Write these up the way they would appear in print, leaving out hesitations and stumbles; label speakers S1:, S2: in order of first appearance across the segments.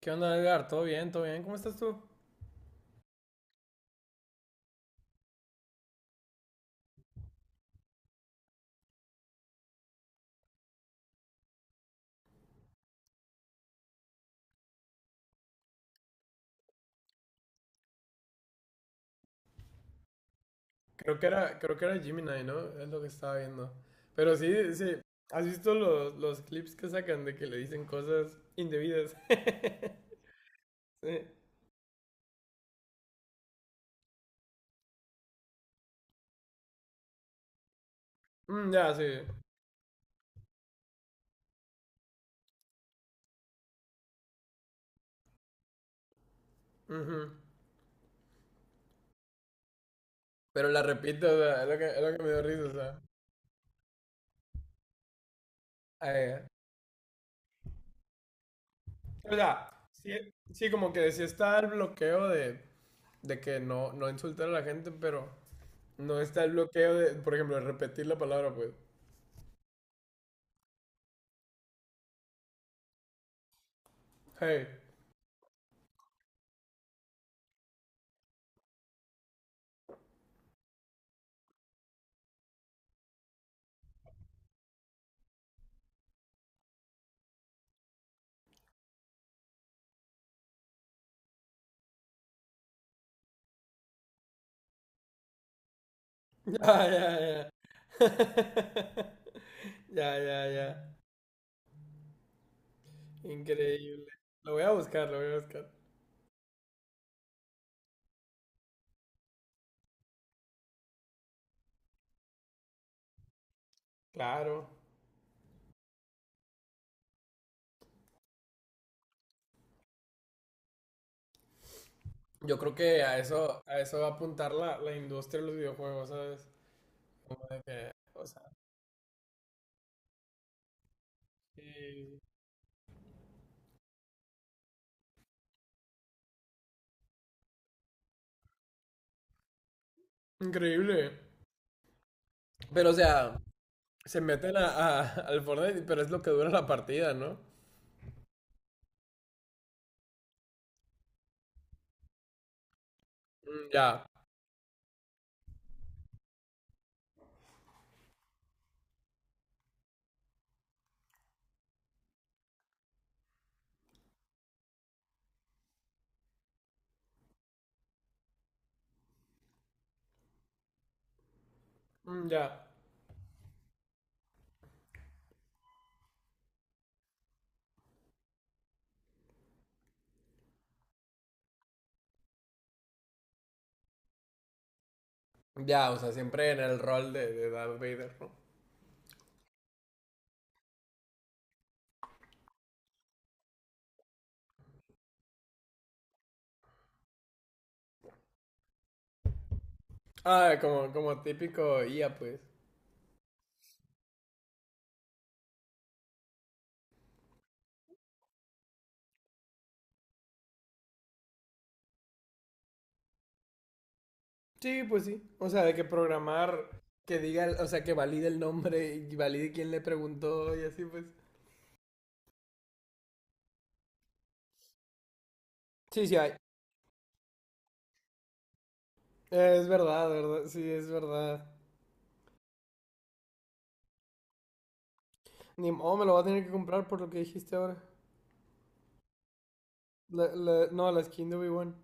S1: ¿Qué onda, Edgar? ¿Todo bien? ¿Todo bien? ¿Cómo estás tú? Creo que era Gemini, ¿no? Es lo que estaba viendo. Pero sí, sí. ¿Has visto los clips que sacan de que le dicen cosas indebidas? Sí. Mm, ya, sí. Ujú. Pero la repito, o sea, es lo que me dio risa, o sea. Eh, o sea, sí, sí, como que sí está el bloqueo de que no, no insultar a la gente, pero no está el bloqueo de, por ejemplo, de repetir la palabra, pues. Hey. Ya, ya, ya. Ya, ya, ya. Increíble. Lo voy a buscar, lo voy a buscar. Claro. Yo creo que a eso va a apuntar la industria de los videojuegos, ¿sabes? Como de que, o sea, sí. Increíble. Pero, o sea, se meten a, al Fortnite, pero es lo que dura la partida, ¿no? Mm, ya, mm, ya. Ya, o sea, siempre en el rol de Darth Vader, ¿no? Ah, como, como típico IA, pues. Sí, pues sí. O sea, de que programar que diga, o sea, que valide el nombre y valide quién le preguntó y así, pues. Sí, sí hay. Es verdad, verdad. Sí, es verdad. Ni oh, me lo voy a tener que comprar por lo que dijiste ahora. No, la skin de Obi-Wan.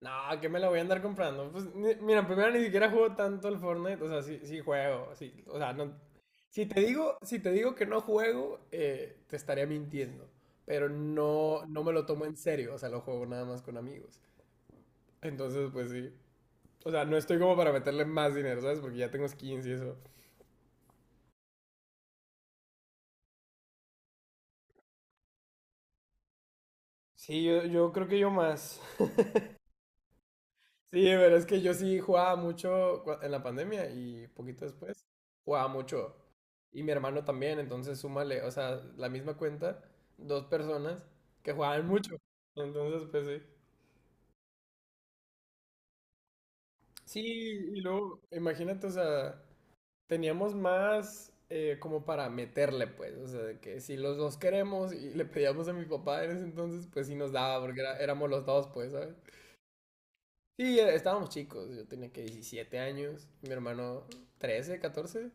S1: No, que me la voy a andar comprando. Pues, mira, primero ni siquiera juego tanto al Fortnite. O sea, sí, sí juego. Sí, o sea, no. Si te digo que no juego, te estaría mintiendo. Pero no, no me lo tomo en serio. O sea, lo juego nada más con amigos. Entonces, pues sí. O sea, no estoy como para meterle más dinero, ¿sabes? Porque ya tengo skins y eso. Sí, yo creo que yo más. Sí, pero es que yo sí jugaba mucho en la pandemia y poquito después jugaba mucho. Y mi hermano también, entonces súmale, o sea, la misma cuenta, dos personas que jugaban mucho. Entonces, pues sí. Sí, y luego, imagínate, o sea, teníamos más como para meterle, pues, o sea, de que si los dos queremos y le pedíamos a mi papá en ese entonces, pues sí nos daba, porque éramos los dos, pues, ¿sabes? Sí, estábamos chicos, yo tenía que 17 años, mi hermano 13, 14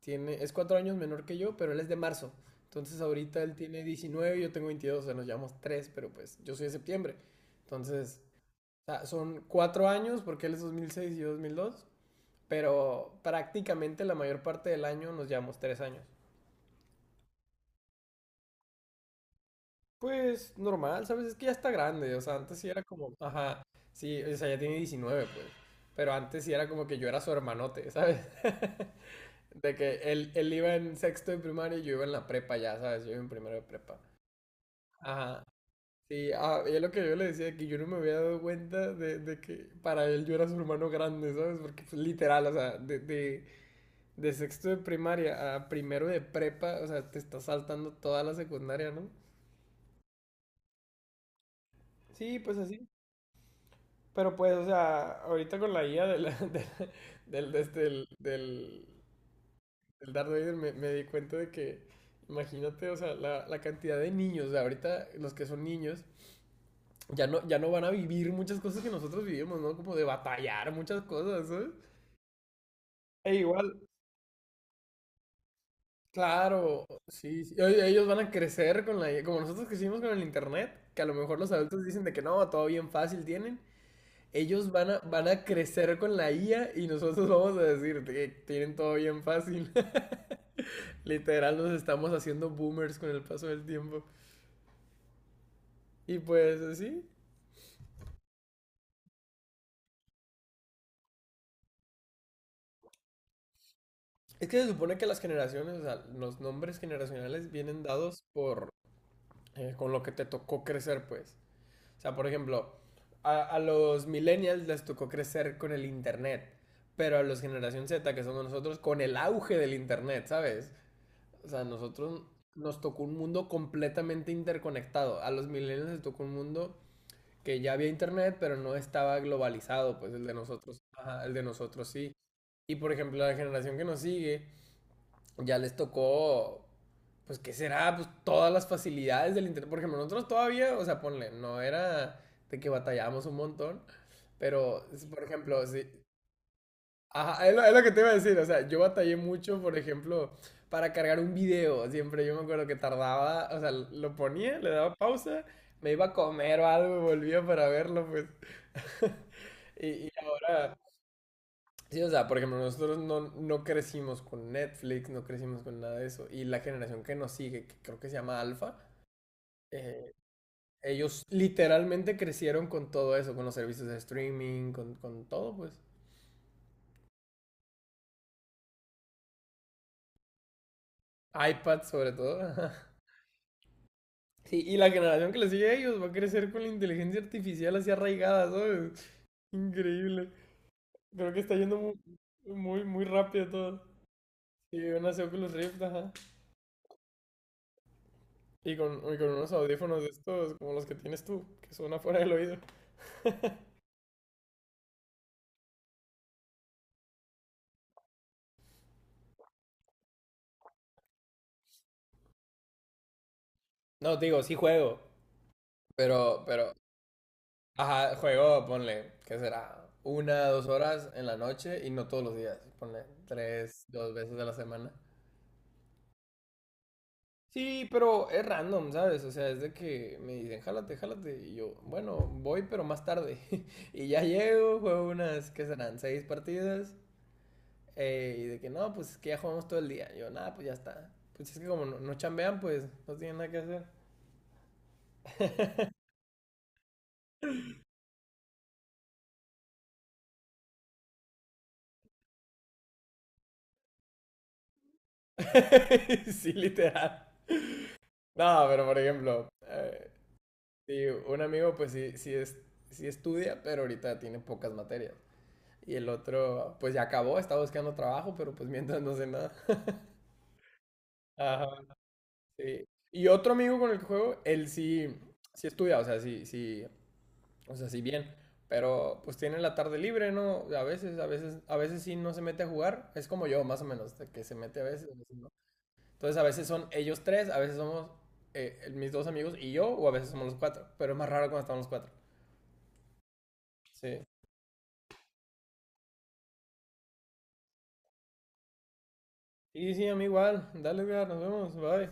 S1: tiene, es 4 años menor que yo, pero él es de marzo, entonces ahorita él tiene 19 y yo tengo 22, o sea, nos llevamos tres, pero pues yo soy de septiembre, entonces, o sea, son 4 años, porque él es 2006 y yo 2002, pero prácticamente la mayor parte del año nos llevamos 3 años. Pues normal, ¿sabes? Es que ya está grande, o sea, antes sí era como, ajá, sí, o sea, ya tiene 19 pues, pero antes sí era como que yo era su hermanote, ¿sabes? De que él iba en sexto de primaria y yo iba en la prepa ya, ¿sabes? Yo iba en primero de prepa. Ajá. Sí, ah, y es lo que yo le decía, que yo no me había dado cuenta de que para él yo era su hermano grande, ¿sabes? Porque pues, literal, o sea, de sexto de primaria a primero de prepa, o sea, te está saltando toda la secundaria, ¿no? Sí, pues así. Pero pues, o sea, ahorita con la IA de la- del, de este, del, del, del Darth Vader me, me di cuenta de que, imagínate, o sea, la cantidad de niños, o sea, ahorita los que son niños, ya no, ya no van a vivir muchas cosas que nosotros vivimos, ¿no? Como de batallar muchas cosas, ¿sabes? E igual, claro, sí, sí, ellos van a crecer con la IA, como nosotros crecimos con el internet, que a lo mejor los adultos dicen de que no, todo bien fácil tienen. Ellos van a crecer con la IA y nosotros vamos a decir que tienen todo bien fácil. Literal, nos estamos haciendo boomers con el paso del tiempo. Y pues así. Es que se supone que las generaciones, o sea, los nombres generacionales vienen dados por con lo que te tocó crecer, pues. O sea, por ejemplo, a los millennials les tocó crecer con el internet, pero a los generación Z, que somos nosotros, con el auge del internet, ¿sabes? O sea, a nosotros nos tocó un mundo completamente interconectado. A los millennials les tocó un mundo que ya había internet, pero no estaba globalizado, pues el de nosotros, ajá, el de nosotros sí. Y por ejemplo, a la generación que nos sigue ya les tocó pues qué será, pues todas las facilidades del internet. Por ejemplo, nosotros todavía, o sea, ponle, no era de que batallamos un montón, pero por ejemplo, si, ajá, es lo que te iba a decir, o sea, yo batallé mucho, por ejemplo, para cargar un video, siempre yo me acuerdo que tardaba, o sea, lo ponía, le daba pausa, me iba a comer o algo y volvía para verlo, pues. Y ahora, sí, o sea, por ejemplo, nosotros no, no crecimos con Netflix, no crecimos con nada de eso, y la generación que nos sigue, que creo que se llama Alfa, eh, ellos literalmente crecieron con todo eso, con los servicios de streaming, con todo, pues. iPad sobre todo. Sí, y la generación que le sigue a ellos va a crecer con la inteligencia artificial así arraigada, ¿sabes? Increíble. Creo que está yendo muy rápido todo. Sí, unas Oculus Rift, ajá. Y con unos audífonos de estos, como los que tienes tú, que son afuera del oído. No, te digo, sí juego. Pero, ajá, juego, ponle, ¿qué será? Una, dos horas en la noche y no todos los días. Ponle tres, dos veces a la semana. Sí, pero es random, ¿sabes? O sea, es de que me dicen, jálate, jálate. Y yo, bueno, voy, pero más tarde. Y ya llego, juego unas, ¿qué serán? 6 partidas. Y de que no, pues es que ya jugamos todo el día. Yo, nada, pues ya está. Pues es que como no, no chambean, pues no tienen nada que hacer. Sí, literal. No, pero por ejemplo, sí, un amigo, pues sí, sí estudia, pero ahorita tiene pocas materias. Y el otro, pues ya acabó, está buscando trabajo, pero pues mientras no sé nada. Ajá. Sí. Y otro amigo con el que juego, él sí, sí estudia, o sea, sí, sí, o sea, sí bien, pero pues tiene la tarde libre, ¿no? A veces, a veces, a veces sí no se mete a jugar, es como yo, más o menos, de que se mete a veces no. Entonces a veces son ellos tres, a veces somos mis dos amigos y yo, o a veces somos los cuatro, pero es más raro cuando estamos los cuatro. Sí. Y sí, a mí igual, dale, Edgar, nos vemos, bye.